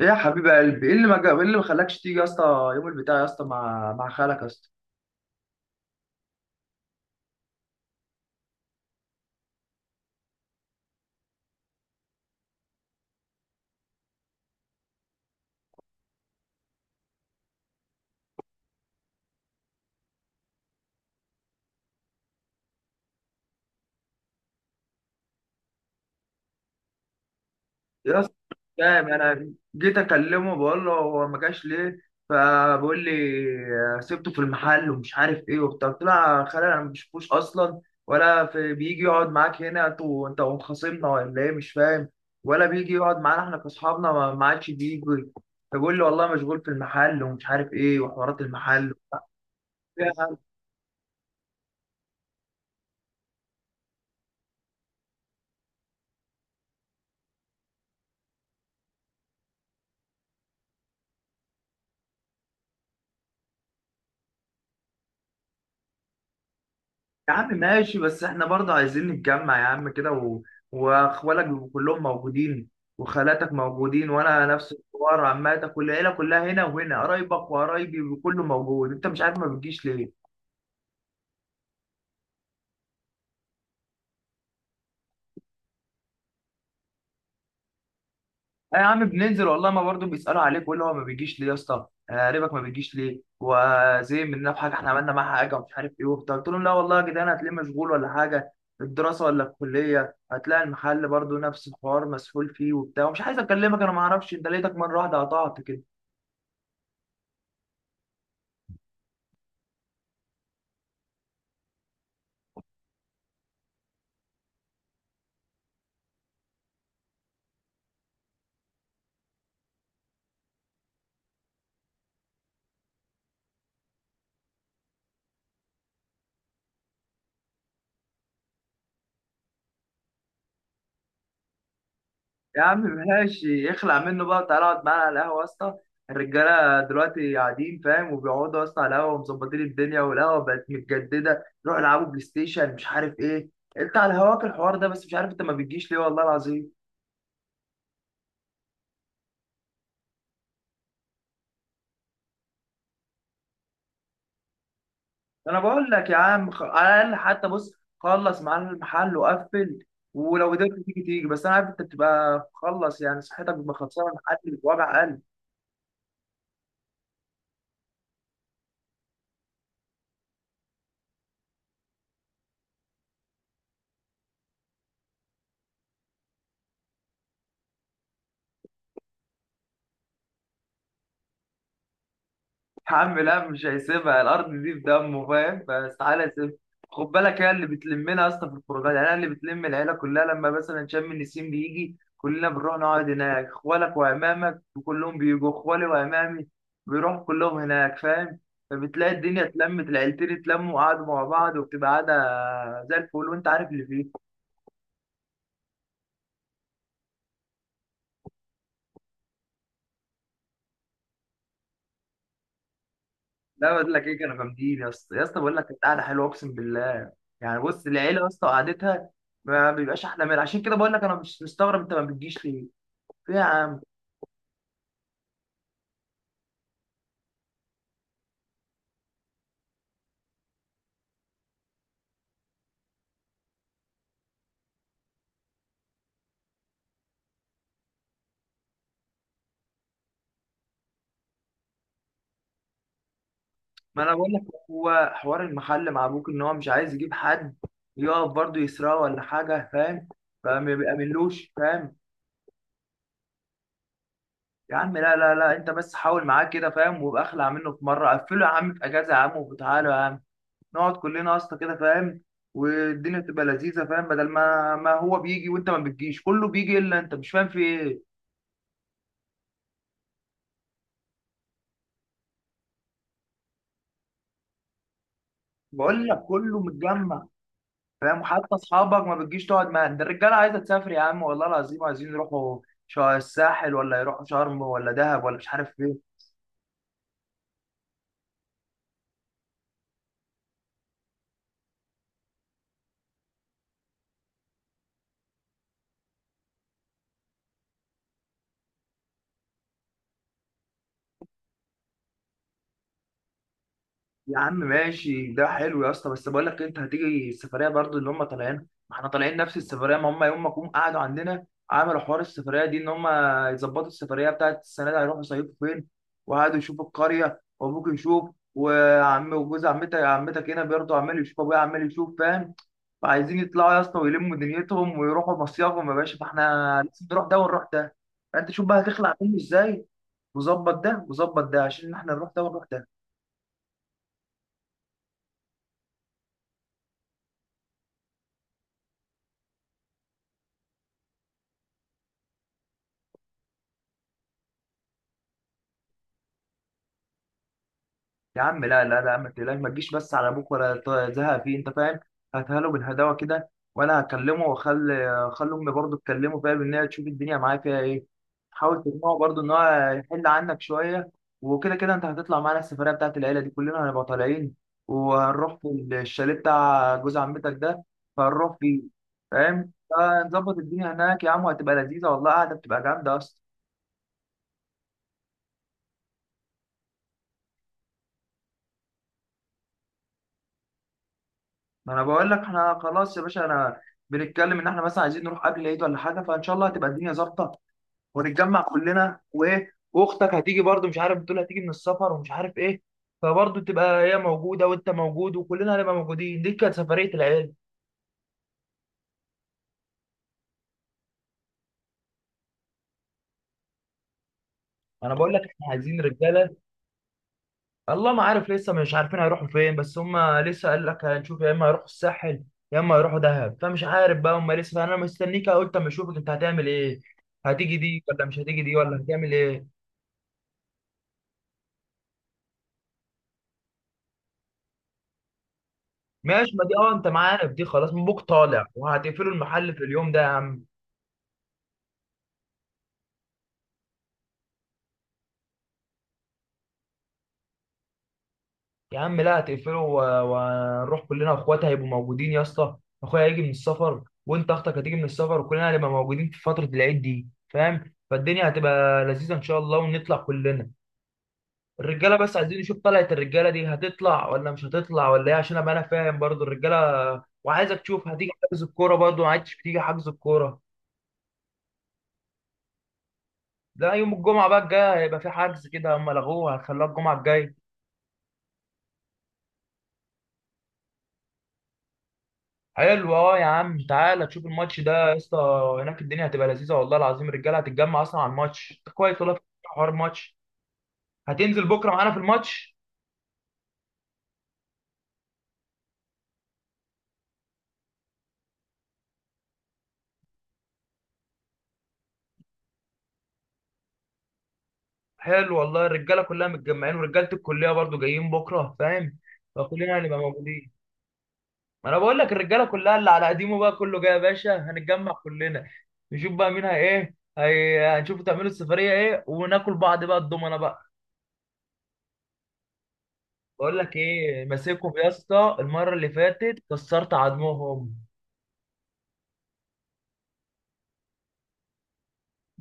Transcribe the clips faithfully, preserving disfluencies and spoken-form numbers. ايه يا حبيب قلبي، ايه اللي ما جا، ايه اللي ما خلاكش تيجي يا اسطى يوم البتاع يا اسطى مع مع خالك يا اسطى. يا اسطى مش فاهم، انا جيت اكلمه بقول له هو ما جاش ليه، فبيقول لي سبته في المحل ومش عارف ايه وبتاع. قلت له يا خالي انا ما بشوفوش اصلا، ولا في بيجي يقعد معاك هنا انت وانت وخصمنا ولا ايه، مش فاهم. ولا بيجي يقعد معانا احنا كاصحابنا، ما ما عادش بيجي، فبيقول لي والله مشغول في المحل ومش عارف ايه وحوارات المحل. يا عم ماشي، بس احنا برضه عايزين نتجمع يا عم كده، و... واخوالك بيبقوا كلهم موجودين وخالاتك موجودين، وانا نفس الحوار، عماتك والعيله كلها هنا، وهنا قرايبك وقرايبي وكله موجود، انت مش عارف ما بتجيش ليه. آه يا عم بننزل والله، ما برضه بيسألوا عليك ويقول هو ما بيجيش ليه يا اسطى، آه، قريبك ما بيجيش ليه، وزي مننا في حاجه احنا عملنا معاه حاجه ومش عارف ايه وبتاع. قلت لهم لا والله يا جدعان هتلاقيه مشغول ولا حاجه، الدراسه ولا الكليه، هتلاقي المحل برضه نفس الحوار مسحول فيه وبتاع، ومش عايز اكلمك، انا ما اعرفش انت لقيتك مره واحده قطعت كده. يا عم ماشي، اخلع منه بقى وتعالى اقعد معانا على القهوة يا اسطى. الرجالة دلوقتي قاعدين فاهم، وبيقعدوا يا اسطى على القهوة ومظبطين الدنيا، والقهوة بقت متجددة، روح العبوا بلاي ستيشن مش عارف ايه، انت على هواك الحوار ده، بس مش عارف انت ما بتجيش ليه والله العظيم. انا بقول لك يا عم، خ، على الاقل حتى بص، خلص معانا المحل وقفل، ولو قدرت تيجي تيجي، بس انا عارف انت بتبقى خلص يعني، صحتك بتبقى خلصانه لحد وجع قلب. يا عم لا، مش هيسيبها الارض دي، في دمه فاهم، فاستحاله يسيبها. خد بالك، هي اللي بتلمنا اصلا في الخروجات، يعني انا اللي بتلم العيله كلها، لما مثلا شم النسيم بيجي كلنا بنروح نقعد هناك، اخوالك وعمامك وكلهم بيجوا، اخوالي وعمامي بيروحوا كلهم هناك فاهم، فبتلاقي الدنيا اتلمت، العيلتين اتلموا وقعدوا مع بعض، وبتبقى قاعده زي الفل، وانت عارف اللي فيه. لا بقول لك ايه، كانوا جامدين يا اسطى، يا اسطى بقول لك كانت قاعده حلوه اقسم بالله. يعني بص العيله يا اسطى قعدتها ما بيبقاش احلى منها، عشان كده بقول لك انا مش مستغرب انت ما بتجيش ليه، ليه يا عم؟ ما انا بقول لك، هو حوار المحل مع ابوك ان هو مش عايز يجيب حد يقف برضه يسرقه ولا حاجه فاهم، فما بيأمنلوش فاهم. يا عم لا لا لا، انت بس حاول معاه كده فاهم، وابقى اخلع منه في مره، قفله يا عم في اجازه يا عم، وتعالوا يا عم نقعد كلنا يا اسطى كده فاهم، والدنيا تبقى لذيذه فاهم، بدل ما ما هو بيجي وانت ما بتجيش، كله بيجي الا انت، مش فاهم في ايه. بقول لك كله متجمع فاهم، وحتى اصحابك ما بتجيش تقعد معاهم، ده الرجاله عايزه تسافر يا عم والله العظيم، عايزين يروحوا شا- الساحل، ولا يروحوا شرم ولا دهب ولا مش عارف فين. يا عم ماشي ده حلو يا اسطى، بس بقول لك إيه، انت هتيجي السفريه برضو اللي هم طالعين؟ ما احنا طالعين نفس السفريه، ما هم يوم ما جم قعدوا عندنا عملوا حوار السفريه دي، ان هم يظبطوا السفريه بتاعت السنه دي هيروحوا يصيفوا فين، وقعدوا يشوفوا القريه، وابوك يشوف، وعم وجوز عمتك، عمتك هنا برضه عمال يشوف، ابويا عمال يشوف فاهم، فعايزين يطلعوا يا اسطى ويلموا دنيتهم ويروحوا مصيافهم يا باشا، فاحنا لازم نروح ده ونروح ده. فانت شوف بقى هتخلع منه ازاي، وظبط ده وظبط ده عشان احنا نروح ده ونروح ده. يا عم لا لا لا، ما تقلقش، ما تجيش بس على ابوك ولا ت- تزهق فيه انت فاهم، هاتها له بالهداوه كده، وانا هكلمه واخلي آه، اخلي امي برضه تكلمه فاهم، ان هي تشوف الدنيا معاه فيها ايه، حاول تقنعه برضه ان هو يحل عنك شويه. وكده كده انت هتطلع معانا السفريه بتاعت العيله دي، كلنا هنبقى طالعين، وهنروح في الشاليه بتاع جوز عمتك ده، فهنروح فيه فاهم، فنظبط الدنيا هناك يا عم، وهتبقى لذيذه والله، قاعده بتبقى جامده اصلا. ما انا بقول لك احنا خلاص يا باشا، انا بنتكلم ان احنا مثلا عايزين نروح قبل العيد ولا حاجه، فان شاء الله هتبقى الدنيا ظابطه، ونتجمع كلنا، وايه، واختك هتيجي برضو، مش عارف بتقول هتيجي من السفر ومش عارف ايه، فبرضو تبقى هي موجوده وانت موجود، وكلنا هنبقى موجودين، دي كانت سفريه العيد. انا بقول لك احنا عايزين رجاله، الله ما عارف لسه مش عارفين هيروحوا فين، بس هم لسه قال لك هنشوف، يا اما هيروحوا الساحل يا اما هيروحوا دهب، فمش عارف بقى هم لسه، فانا مستنيك قلت اما اشوفك انت هتعمل ايه، هتيجي دي ولا مش هتيجي دي ولا هتعمل ايه. ماشي، ما دي اه، انت معانا في دي خلاص، مبوك طالع وهتقفلوا المحل في اليوم ده يا عم. يا عم لا، هتقفلوا، و- وهنروح كلنا، اخواتي هيبقوا موجودين يا اسطى، اخويا هيجي من السفر، وانت اختك هتيجي من السفر، وكلنا هنبقى موجودين في فترة العيد دي فاهم، فالدنيا هتبقى لذيذة ان شاء الله، ونطلع كلنا. الرجالة بس عايزين نشوف، طلعت الرجالة دي هتطلع ولا مش هتطلع ولا ايه، عشان ابقى انا فاهم برضو الرجالة، وعايزك تشوف هتيجي حجز الكورة برضو، ما عادش بتيجي حجز الكورة. لا يوم الجمعة بقى الجاية هيبقى في حجز كده، هم لغوه، هتخلوها الجمعة الجاية. حلو، اه يا عم، تعالى تشوف الماتش ده يا اسطى، هناك الدنيا هتبقى لذيذه والله العظيم، الرجاله هتتجمع اصلا على الماتش ده كويس، والله في حوار الماتش، هتنزل بكره معانا في الماتش. حلو والله، الرجاله كلها متجمعين، ورجاله الكليه برضو جايين بكره فاهم، فكلنا هنبقى موجودين. ما انا بقول لك الرجاله كلها اللي على قديمه بقى كله جاي يا باشا، هنتجمع كلنا، نشوف بقى مين هي ايه هي، هنشوف تعملوا السفريه ايه، وناكل بعض بقى الضمنه بقى. بقول لك ايه، ماسكهم يا اسطى المره اللي فاتت، كسرت عضمهم.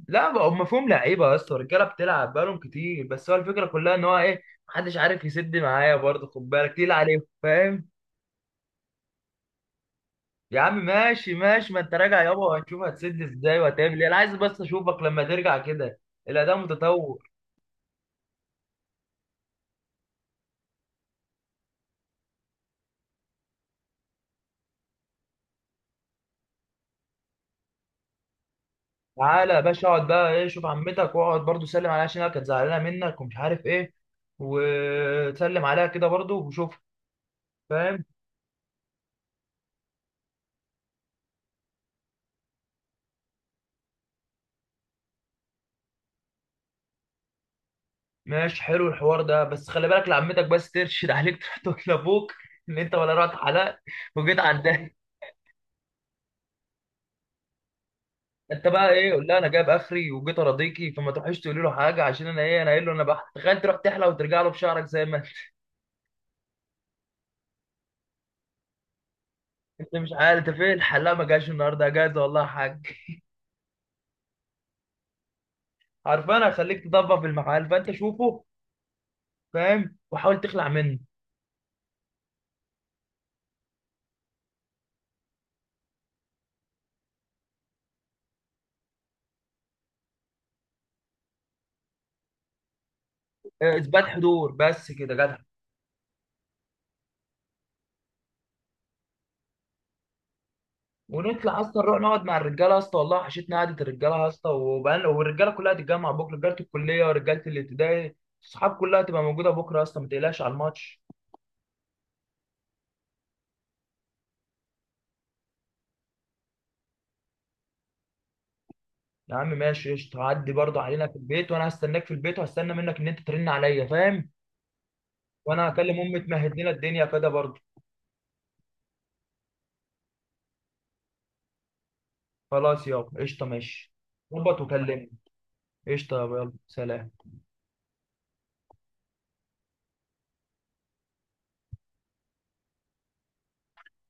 لا بقى هم فيهم لعيبه يا اسطى، الرجاله بتلعب بقالهم كتير، بس هو الفكره كلها ان هو ايه، محدش عارف يسد معايا برضه، خد بالك تقيل عليهم فاهم. يا عم ماشي ماشي، ما انت راجع يابا، وهنشوف هتسد ازاي وهتعمل ايه، انا عايز بس اشوفك لما ترجع كده، الاداء متطور. تعالى يا باشا، اقعد بقى ايه، شوف عمتك واقعد برضه سلم عليها، عشان هي كانت زعلانه منك ومش عارف ايه، وتسلم عليها كده برضه، وشوف فاهم. ماشي حلو الحوار ده، بس خلي بالك لعمتك، بس ترشد عليك تروح تقول لابوك ان انت ولا رحت حلقت وجيت عندها. انت بقى ايه، قول لها انا جايب اخري وجيت ارضيكي، فما تروحيش تقولي له حاجه، عشان انا ايه، انا قايل له انا بحت، تخيل تروح تحلق وترجع له بشعرك زي ما انت. انت مش عارف انت فين الحلاق، ما جاش النهارده جاز والله يا حاج. عارفان هخليك تطبق في المحل، فانت شوفه فاهم، وحاول تخلع منه. اه، اثبات حضور بس كده جدع. ونطلع اصلا نروح نقعد مع الرجاله يا اسطى، والله وحشتنا قعده الرجاله يا اسطى، وبقى- والرجاله كلها هتتجمع بكره، رجاله الكليه ورجاله الابتدائي، الصحاب كلها هتبقى موجوده بكره يا اسطى، ما تقلقش على الماتش. يا عم ماشي قشطة، هعدي برضه علينا في البيت، وانا هستناك في البيت، وهستنى منك ان انت ترن عليا فاهم، وانا هكلم امي تمهد لنا الدنيا كده برضه. خلاص يابا قشطة، ماشي، ظبط وكلمني. قشطة يابا، يلا سلام.